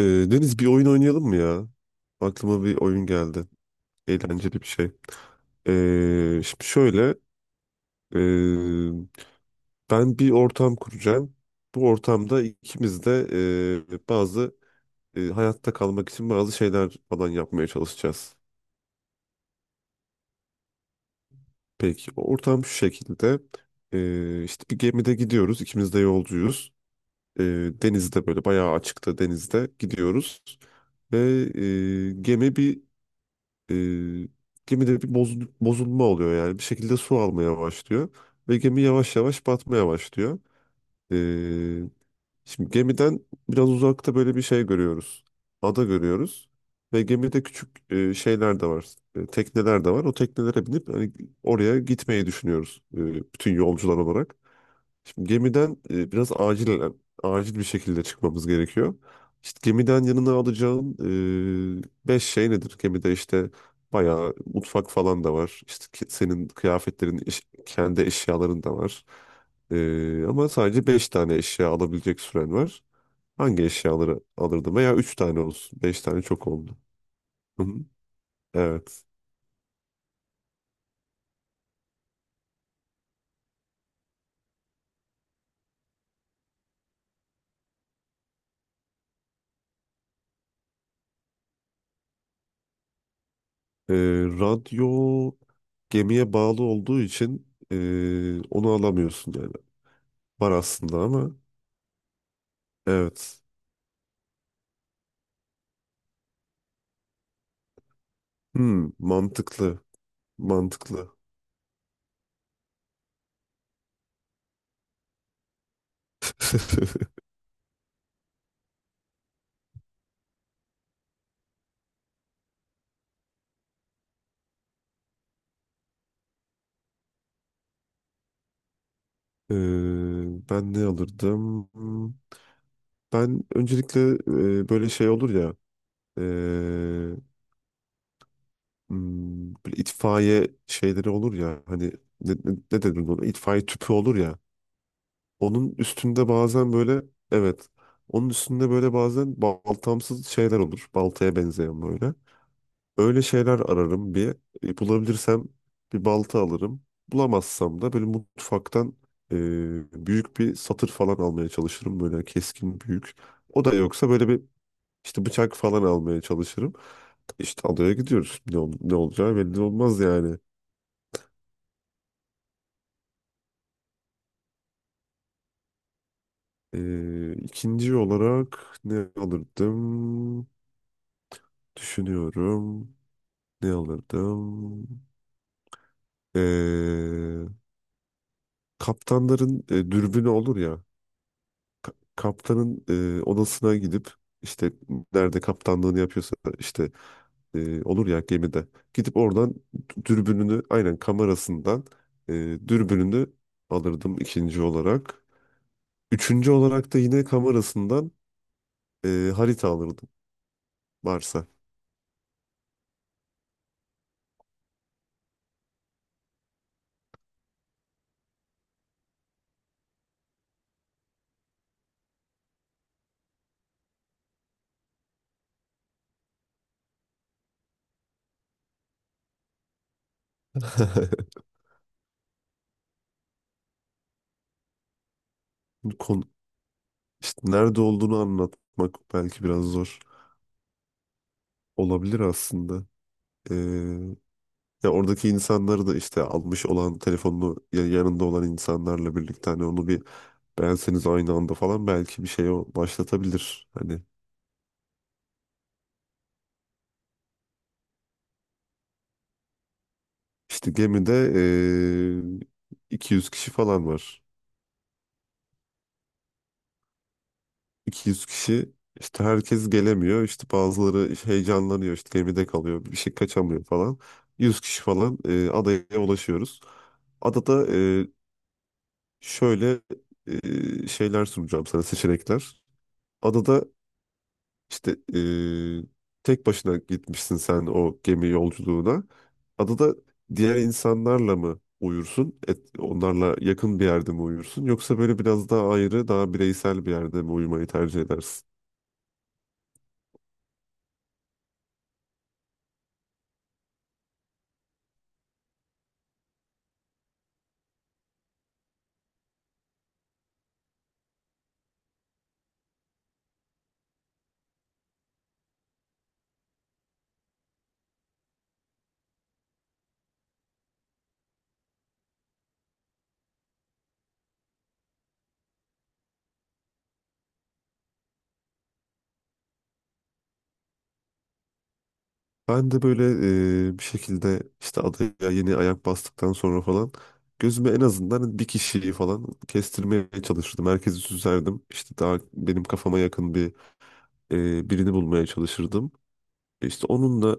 Ee, Deniz, bir oyun oynayalım mı ya? Aklıma bir oyun geldi. Eğlenceli bir şey. Şimdi şöyle. ee, Ben bir ortam kuracağım. Bu ortamda ikimiz de bazı hayatta kalmak için bazı şeyler falan yapmaya çalışacağız. Peki ortam şu şekilde. İşte bir gemide gidiyoruz. İkimiz de yolcuyuz. Ee, Denizde böyle bayağı açıkta denizde gidiyoruz. Ve ee, gemi bir E, gemide bir bozulma oluyor yani. Bir şekilde su almaya başlıyor. Ve gemi yavaş yavaş batmaya başlıyor. E, Şimdi gemiden biraz uzakta böyle bir şey görüyoruz. Ada görüyoruz. Ve gemide küçük şeyler de var. Tekneler de var. O teknelere binip hani oraya gitmeyi düşünüyoruz, bütün yolcular olarak. Şimdi gemiden biraz acil acil bir şekilde çıkmamız gerekiyor. İşte gemiden yanına alacağın beş şey nedir? Gemide işte bayağı mutfak falan da var. İşte senin kıyafetlerin, kendi eşyaların da var. Ama sadece beş tane eşya alabilecek süren var. Hangi eşyaları alırdım? Veya üç tane olsun. Beş tane çok oldu. Hı hı. Evet. E, Radyo gemiye bağlı olduğu için onu alamıyorsun yani. Var aslında ama. Evet. Mantıklı. Mantıklı. Ee, ben ne alırdım? Ben öncelikle böyle şey olur ya, e, böyle itfaiye şeyleri olur ya, hani ne denir buna? İtfaiye tüpü olur ya. Onun üstünde bazen böyle, evet. Onun üstünde böyle bazen baltamsız şeyler olur. Baltaya benzeyen böyle. Öyle şeyler ararım bir. Bulabilirsem bir balta alırım. Bulamazsam da böyle mutfaktan e, büyük bir satır falan almaya çalışırım. Böyle keskin büyük. O da yoksa böyle bir işte bıçak falan almaya çalışırım. İşte adaya gidiyoruz. Ne olacağı belli olmaz yani. İkinci olarak ne alırdım? Düşünüyorum. Ne alırdım? E, Kaptanların dürbünü olur ya. Kaptanın odasına gidip işte nerede kaptanlığını yapıyorsa, işte olur ya gemide, gidip oradan dürbününü, aynen, kamerasından e, dürbününü alırdım ikinci olarak. Üçüncü olarak da yine kamerasından harita alırdım varsa. Kon işte nerede olduğunu anlatmak belki biraz zor olabilir aslında. E, Ya oradaki insanları da, işte almış olan telefonunu ya yanında olan insanlarla birlikte, hani onu bir Benseniz aynı anda falan belki bir şey başlatabilir. Hani işte gemide 200 kişi falan var. 200 kişi, işte herkes gelemiyor. İşte bazıları heyecanlanıyor, işte gemide kalıyor. Bir şey kaçamıyor falan. 100 kişi falan adaya ulaşıyoruz. Adada şöyle şeyler sunacağım sana, seçenekler. Adada, İşte tek başına gitmişsin sen o gemi yolculuğuna. Adada diğer insanlarla mı uyursun? Onlarla yakın bir yerde mi uyursun? Yoksa böyle biraz daha ayrı, daha bireysel bir yerde mi uyumayı tercih edersin? Ben de böyle bir şekilde işte adaya yeni ayak bastıktan sonra falan gözüme en azından bir kişiyi falan kestirmeye çalışırdım. Herkesi süzerdim. İşte daha benim kafama yakın bir birini bulmaya çalışırdım. İşte onunla,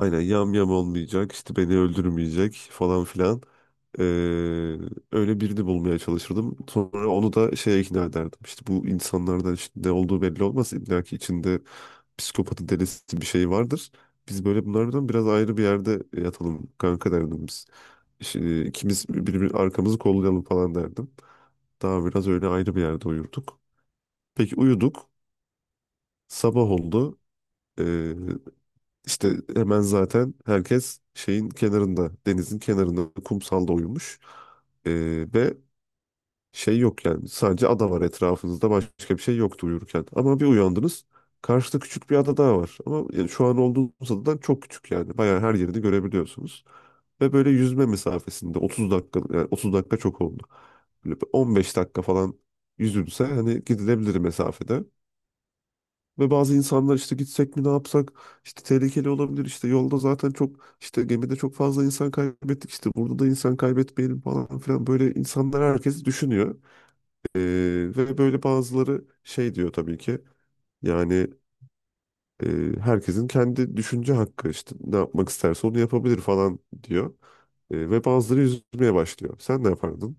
aynen, yam yam olmayacak, işte beni öldürmeyecek falan filan. Ee, Öyle birini bulmaya çalışırdım. Sonra onu da şeye ikna ederdim. İşte bu insanlardan, işte ne olduğu belli olmaz. İlla ki içinde psikopatı, delisi bir şey vardır. Biz böyle bunlardan biraz ayrı bir yerde yatalım kanka derdim biz. İşte ikimiz birbirimizin arkamızı kollayalım falan derdim. Daha biraz öyle ayrı bir yerde uyurduk. Peki uyuduk. Sabah oldu. Ee, işte hemen zaten herkes şeyin kenarında, denizin kenarında, kumsalda uyumuş. Ve şey yok yani, sadece ada var etrafınızda, başka bir şey yoktu uyurken. Ama bir uyandınız, karşıda küçük bir ada daha var. Ama yani şu an olduğunuz adadan çok küçük, yani bayağı her yerini görebiliyorsunuz. Ve böyle yüzme mesafesinde, 30 dakika, yani 30 dakika çok oldu. Böyle bir 15 dakika falan yüzülse, hani gidilebilir mesafede. Ve bazı insanlar işte gitsek mi ne yapsak, işte tehlikeli olabilir, işte yolda zaten çok, işte gemide çok fazla insan kaybettik, işte burada da insan kaybetmeyelim falan filan böyle insanlar, herkes düşünüyor. Ee, Ve böyle bazıları şey diyor tabii ki, yani e, herkesin kendi düşünce hakkı, işte ne yapmak isterse onu yapabilir falan diyor. Ve bazıları yüzmeye başlıyor. Sen ne yapardın?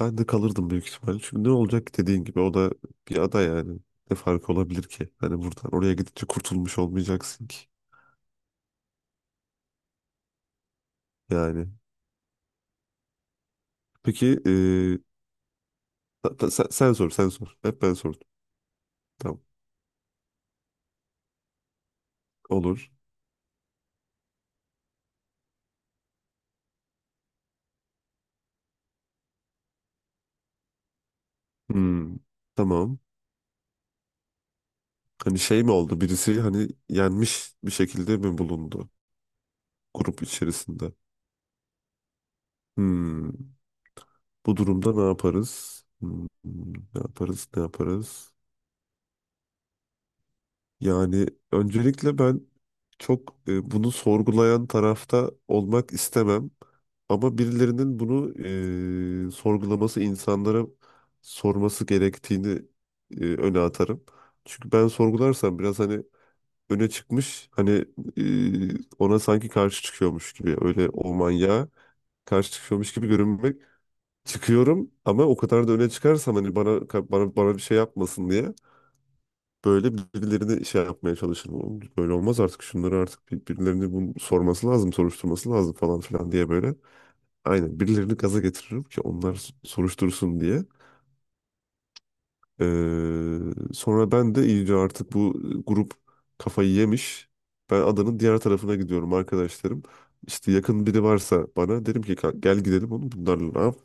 Ben de kalırdım büyük ihtimalle. Çünkü ne olacak ki, dediğin gibi o da bir ada yani. Ne farkı olabilir ki? Hani buradan oraya gidince kurtulmuş olmayacaksın ki. Yani. Peki sen sor, sen sor. Hep ben sordum. Tamam. Olur. Hmm, tamam. Hani şey mi oldu? Birisi hani yenmiş bir şekilde mi bulundu? Grup içerisinde. Hmm, Bu durumda ne yaparız? Ne yaparız? Ne yaparız? Yani öncelikle ben çok bunu sorgulayan tarafta olmak istemem. Ama birilerinin bunu sorgulaması, insanlara sorması gerektiğini öne atarım. Çünkü ben sorgularsam biraz, hani öne çıkmış, hani ona sanki karşı çıkıyormuş gibi, öyle o manyağa karşı çıkıyormuş gibi görünmek, çıkıyorum. Ama o kadar da öne çıkarsam, hani bana bir şey yapmasın diye. Böyle birbirlerini şey yapmaya çalışır. "Oğlum, böyle olmaz artık, şunları artık birilerini bunu sorması lazım, soruşturması lazım" falan filan diye böyle. Aynen birilerini gaza getiririm ki onlar soruştursun diye. Ee, Sonra ben de iyice, artık bu grup kafayı yemiş. Ben adanın diğer tarafına gidiyorum arkadaşlarım. İşte yakın biri varsa bana derim ki, "Gel gidelim oğlum, bunlarla ne yap?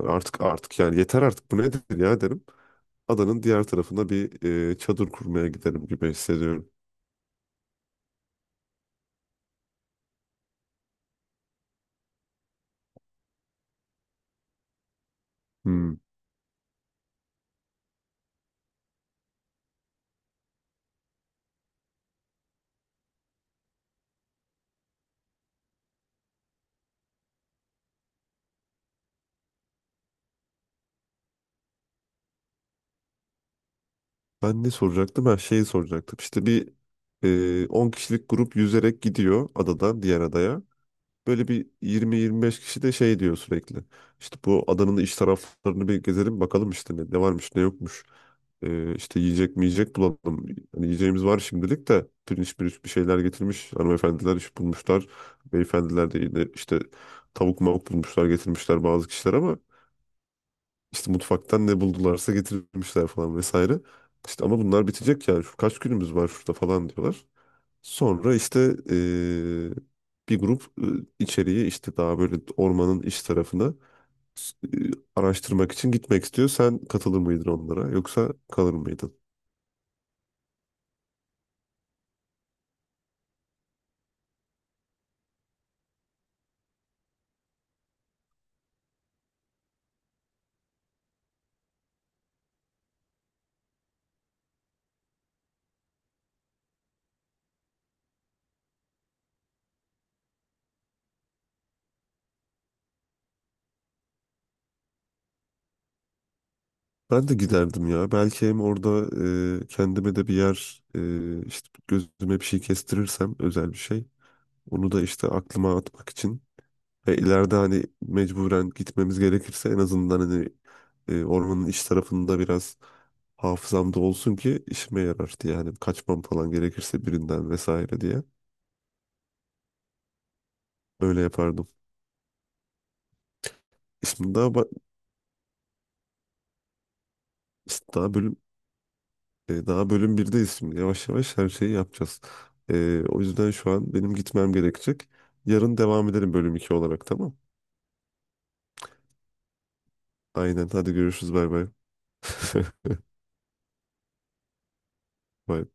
Artık, yani yeter artık, bu nedir ya" derim. Adanın diğer tarafına bir çadır kurmaya giderim gibi hissediyorum. Hmm. Ben ne soracaktım? Ben şeyi soracaktım. İşte bir 10 kişilik grup yüzerek gidiyor adadan diğer adaya. Böyle bir 20-25 kişi de şey diyor sürekli. İşte bu adanın iç taraflarını bir gezelim bakalım, işte ne varmış ne yokmuş. İşte yiyecek mi yiyecek bulalım. Hani yiyeceğimiz var şimdilik de, pirinç pirinç bir şeyler getirmiş. Hanımefendiler iş bulmuşlar. Beyefendiler de yine işte tavuk mavuk bulmuşlar, getirmişler bazı kişiler, ama işte mutfaktan ne buldularsa getirmişler falan vesaire. İşte ama bunlar bitecek yani, şu kaç günümüz var şurada falan diyorlar. Sonra işte eee, bir grup içeriye, işte daha böyle ormanın iç tarafına e, araştırmak için gitmek istiyor. Sen katılır mıydın onlara, yoksa kalır mıydın? Ben de giderdim ya. Belki hem orada kendime de bir yer, işte gözüme bir şey kestirirsem özel bir şey. Onu da işte aklıma atmak için. İleride hani mecburen gitmemiz gerekirse en azından hani ormanın iç tarafında biraz hafızamda olsun ki işime yarar diye. Yani kaçmam falan gerekirse birinden vesaire diye. Öyle yapardım. Şimdi daha işte daha bölüm 1'deyiz şimdi. Yavaş yavaş her şeyi yapacağız. O yüzden şu an benim gitmem gerekecek. Yarın devam edelim bölüm 2 olarak, tamam. Aynen, hadi görüşürüz, bay bay. Bay.